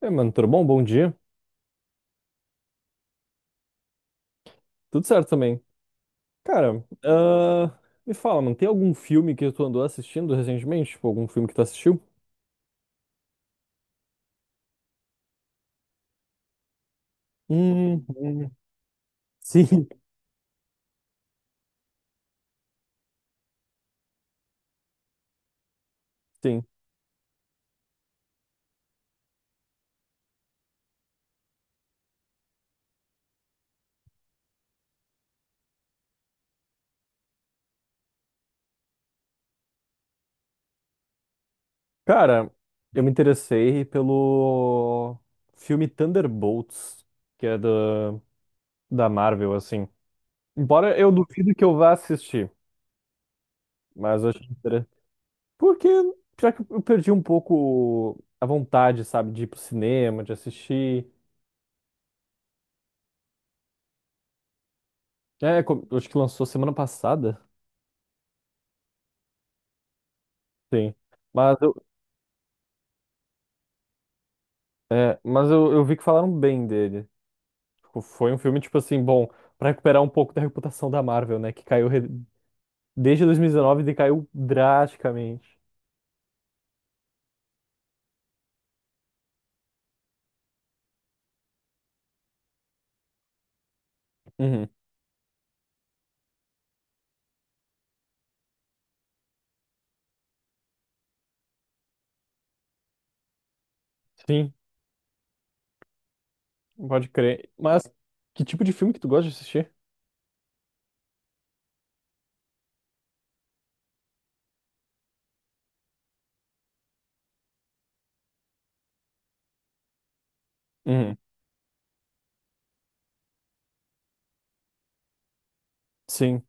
É, mano, tudo bom? Bom dia. Tudo certo também. Cara, me fala, mano, tem algum filme que tu andou assistindo recentemente? Tipo, algum filme que tu assistiu? Hum, hum, sim, sim. Cara, eu me interessei pelo filme Thunderbolts, que é da Marvel, assim. Embora eu duvido que eu vá assistir, mas eu achei interessante. Porque, já que eu perdi um pouco a vontade, sabe, de ir pro cinema, de assistir. É, acho que lançou semana passada. Sim. Mas eu, mas eu vi que falaram bem dele. Tipo, foi um filme, tipo assim, bom, pra recuperar um pouco da reputação da Marvel, né? Que desde 2019 decaiu drasticamente. Uhum. Sim, pode crer. Mas que tipo de filme que tu gosta de assistir? Uhum. Sim.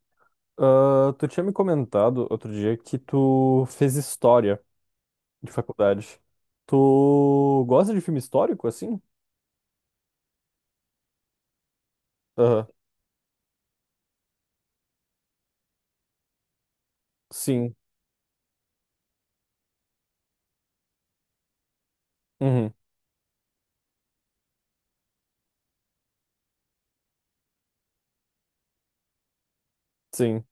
Ah, tu tinha me comentado outro dia que tu fez história de faculdade. Tu gosta de filme histórico, assim? Aham. Sim. Uhum. Sim.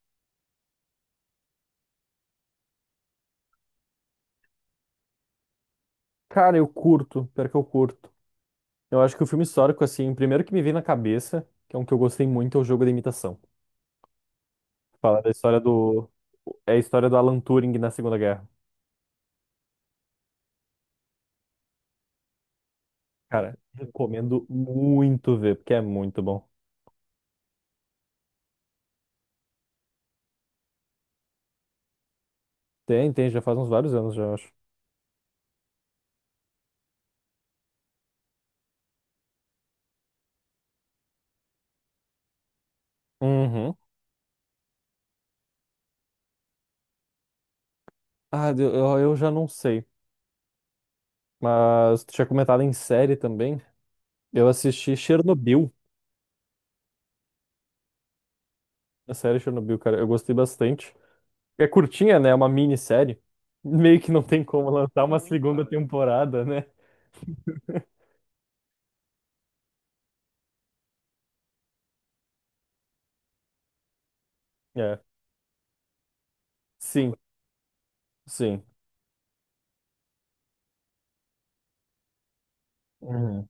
Cara, eu curto. Pior que eu curto. Eu acho que o filme histórico, assim, o primeiro que me veio na cabeça, que é um que eu gostei muito, é o Jogo da Imitação. Fala da história do. É a história do Alan Turing na Segunda Guerra. Cara, recomendo muito ver, porque é muito bom. Tem, tem, já faz uns vários anos, já eu acho. Uhum. Ah, eu já não sei. Mas tu tinha comentado em série também. Eu assisti Chernobyl, a série Chernobyl, cara. Eu gostei bastante. É curtinha, né? É uma minissérie. Meio que não tem como lançar uma segunda temporada, né? É. Sim, sim. Uhum.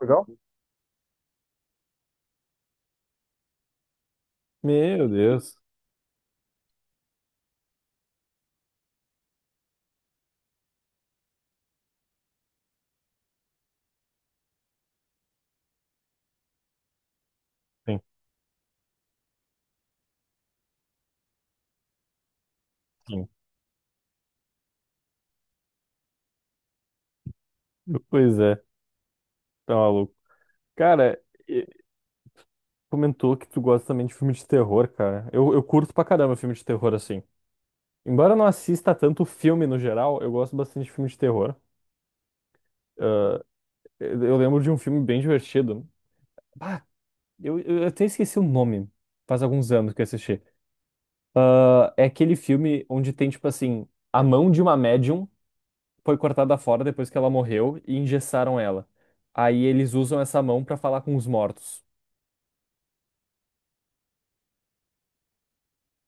Legal? Meu Deus. Sim, sim. Pois é, tá maluco. Cara, e- comentou que tu gosta também de filme de terror, cara. Eu curto pra caramba filme de terror, assim. Embora eu não assista tanto filme no geral, eu gosto bastante de filme de terror. Ah, eu lembro de um filme bem divertido. Ah, eu até esqueci o nome. Faz alguns anos que eu assisti. Ah, é aquele filme onde tem, tipo assim, a mão de uma médium. Foi cortada fora depois que ela morreu e engessaram ela. Aí eles usam essa mão pra falar com os mortos.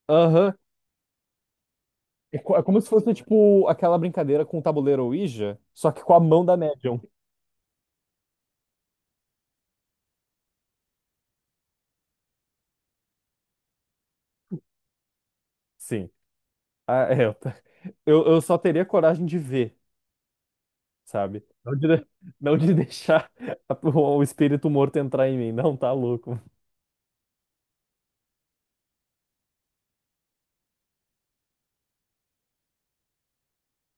Aham. É como se fosse, tipo, aquela brincadeira com o tabuleiro Ouija, só que com a mão da médium. Sim. Ah, é, eu só teria coragem de ver, sabe? Não de deixar o espírito morto entrar em mim. Não, tá louco.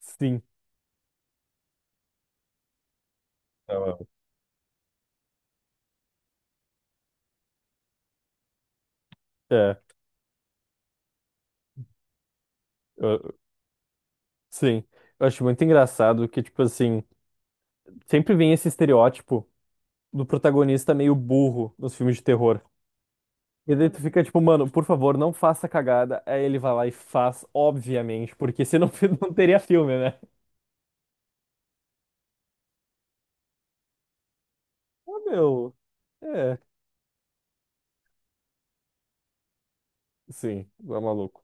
Sim. Ah, é, eu- sim. Eu acho muito engraçado que, tipo assim, sempre vem esse estereótipo do protagonista meio burro nos filmes de terror. E daí tu fica tipo, mano, por favor, não faça cagada. Aí ele vai lá e faz, obviamente, porque senão não teria filme, né? Ah, meu. É, sim, é maluco.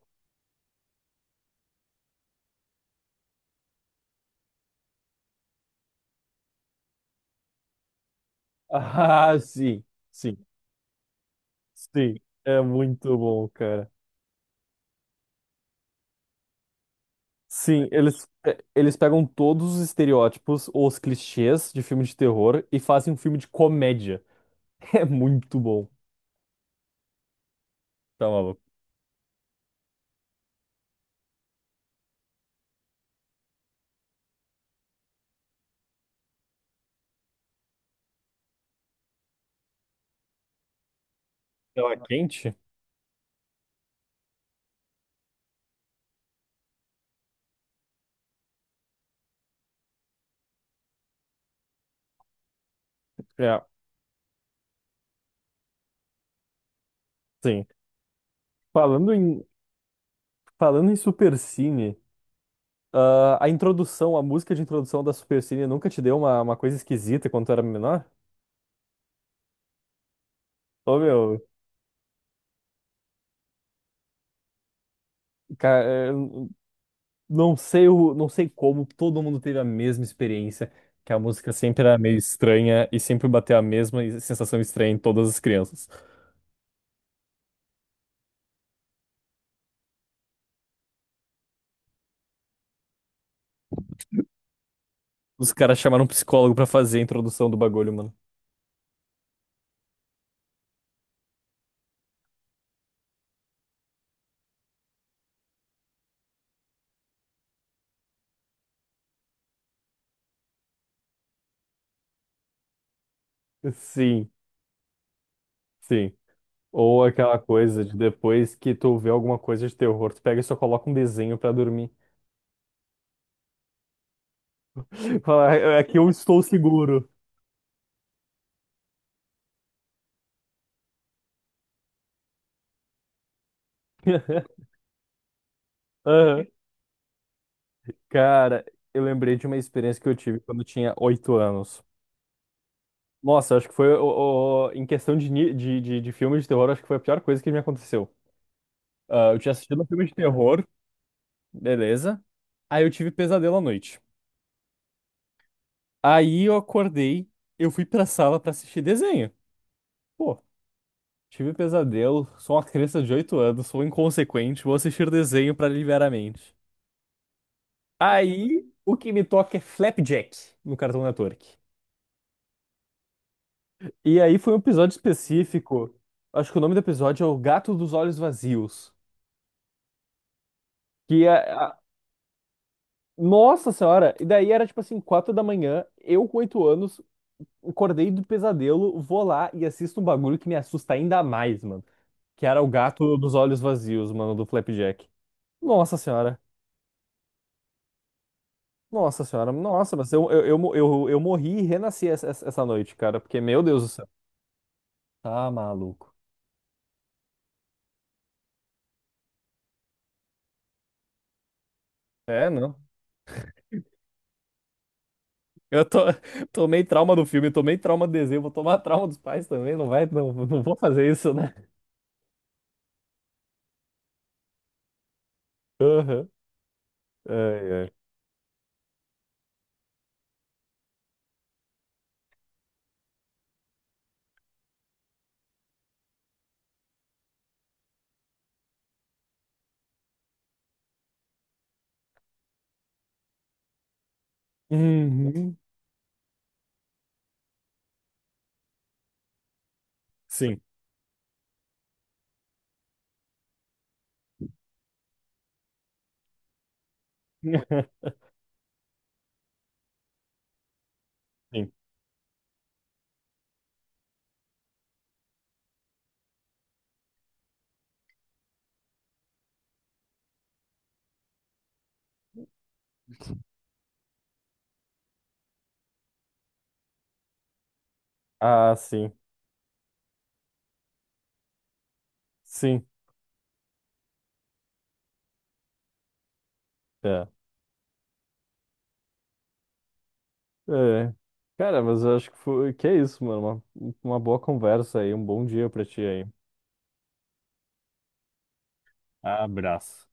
Ah, sim, sim, sim. É muito bom, cara. Sim, eles, é, eles pegam todos os estereótipos ou os clichês de filme de terror e fazem um filme de comédia. É muito bom. Tá maluco. Ela é quente? É, sim. Falando em Falando em Supercine, a introdução, a música de introdução da Supercine nunca te deu uma coisa esquisita quando tu era menor? Ô, meu, ca- é, não sei, não sei como todo mundo teve a mesma experiência, que a música sempre era meio estranha e sempre bateu a mesma sensação estranha em todas as crianças. Os caras chamaram um psicólogo pra fazer a introdução do bagulho, mano. Sim, sim. Ou aquela coisa de depois que tu vê alguma coisa de terror, tu pega e só coloca um desenho pra dormir. Fala, aqui eu estou seguro. Aham. Cara, eu lembrei de uma experiência que eu tive quando eu tinha oito anos. Nossa, acho que foi em questão de, de filme de terror, acho que foi a pior coisa que me aconteceu. Ah, eu tinha assistido um filme de terror, beleza. Aí eu tive pesadelo à noite. Aí eu acordei, eu fui pra sala pra assistir desenho. Pô, tive pesadelo, sou uma criança de oito anos, sou inconsequente, vou assistir desenho pra aliviar a mente. Aí o que me toca é Flapjack no Cartoon Network. E aí foi um episódio específico. Acho que o nome do episódio é O Gato dos Olhos Vazios. Que é. Nossa Senhora! E daí era tipo assim, quatro da manhã, eu com oito anos, acordei do pesadelo, vou lá e assisto um bagulho que me assusta ainda mais, mano. Que era o gato dos olhos vazios, mano, do Flapjack. Nossa Senhora! Nossa Senhora! Nossa, mas eu morri e renasci essa noite, cara, porque, meu Deus do céu. Tá maluco. É, não. Eu to- Tomei trauma do filme, tomei trauma do desenho, vou tomar trauma dos pais também, não vai, não, não vou fazer isso, né? Aham. Ai, ai. Uhum. Sim. Sim. Ah, sim. Sim. É. É. Cara, mas eu acho que foi... que é isso, mano. Uma boa conversa aí, um bom dia pra ti aí. Abraço.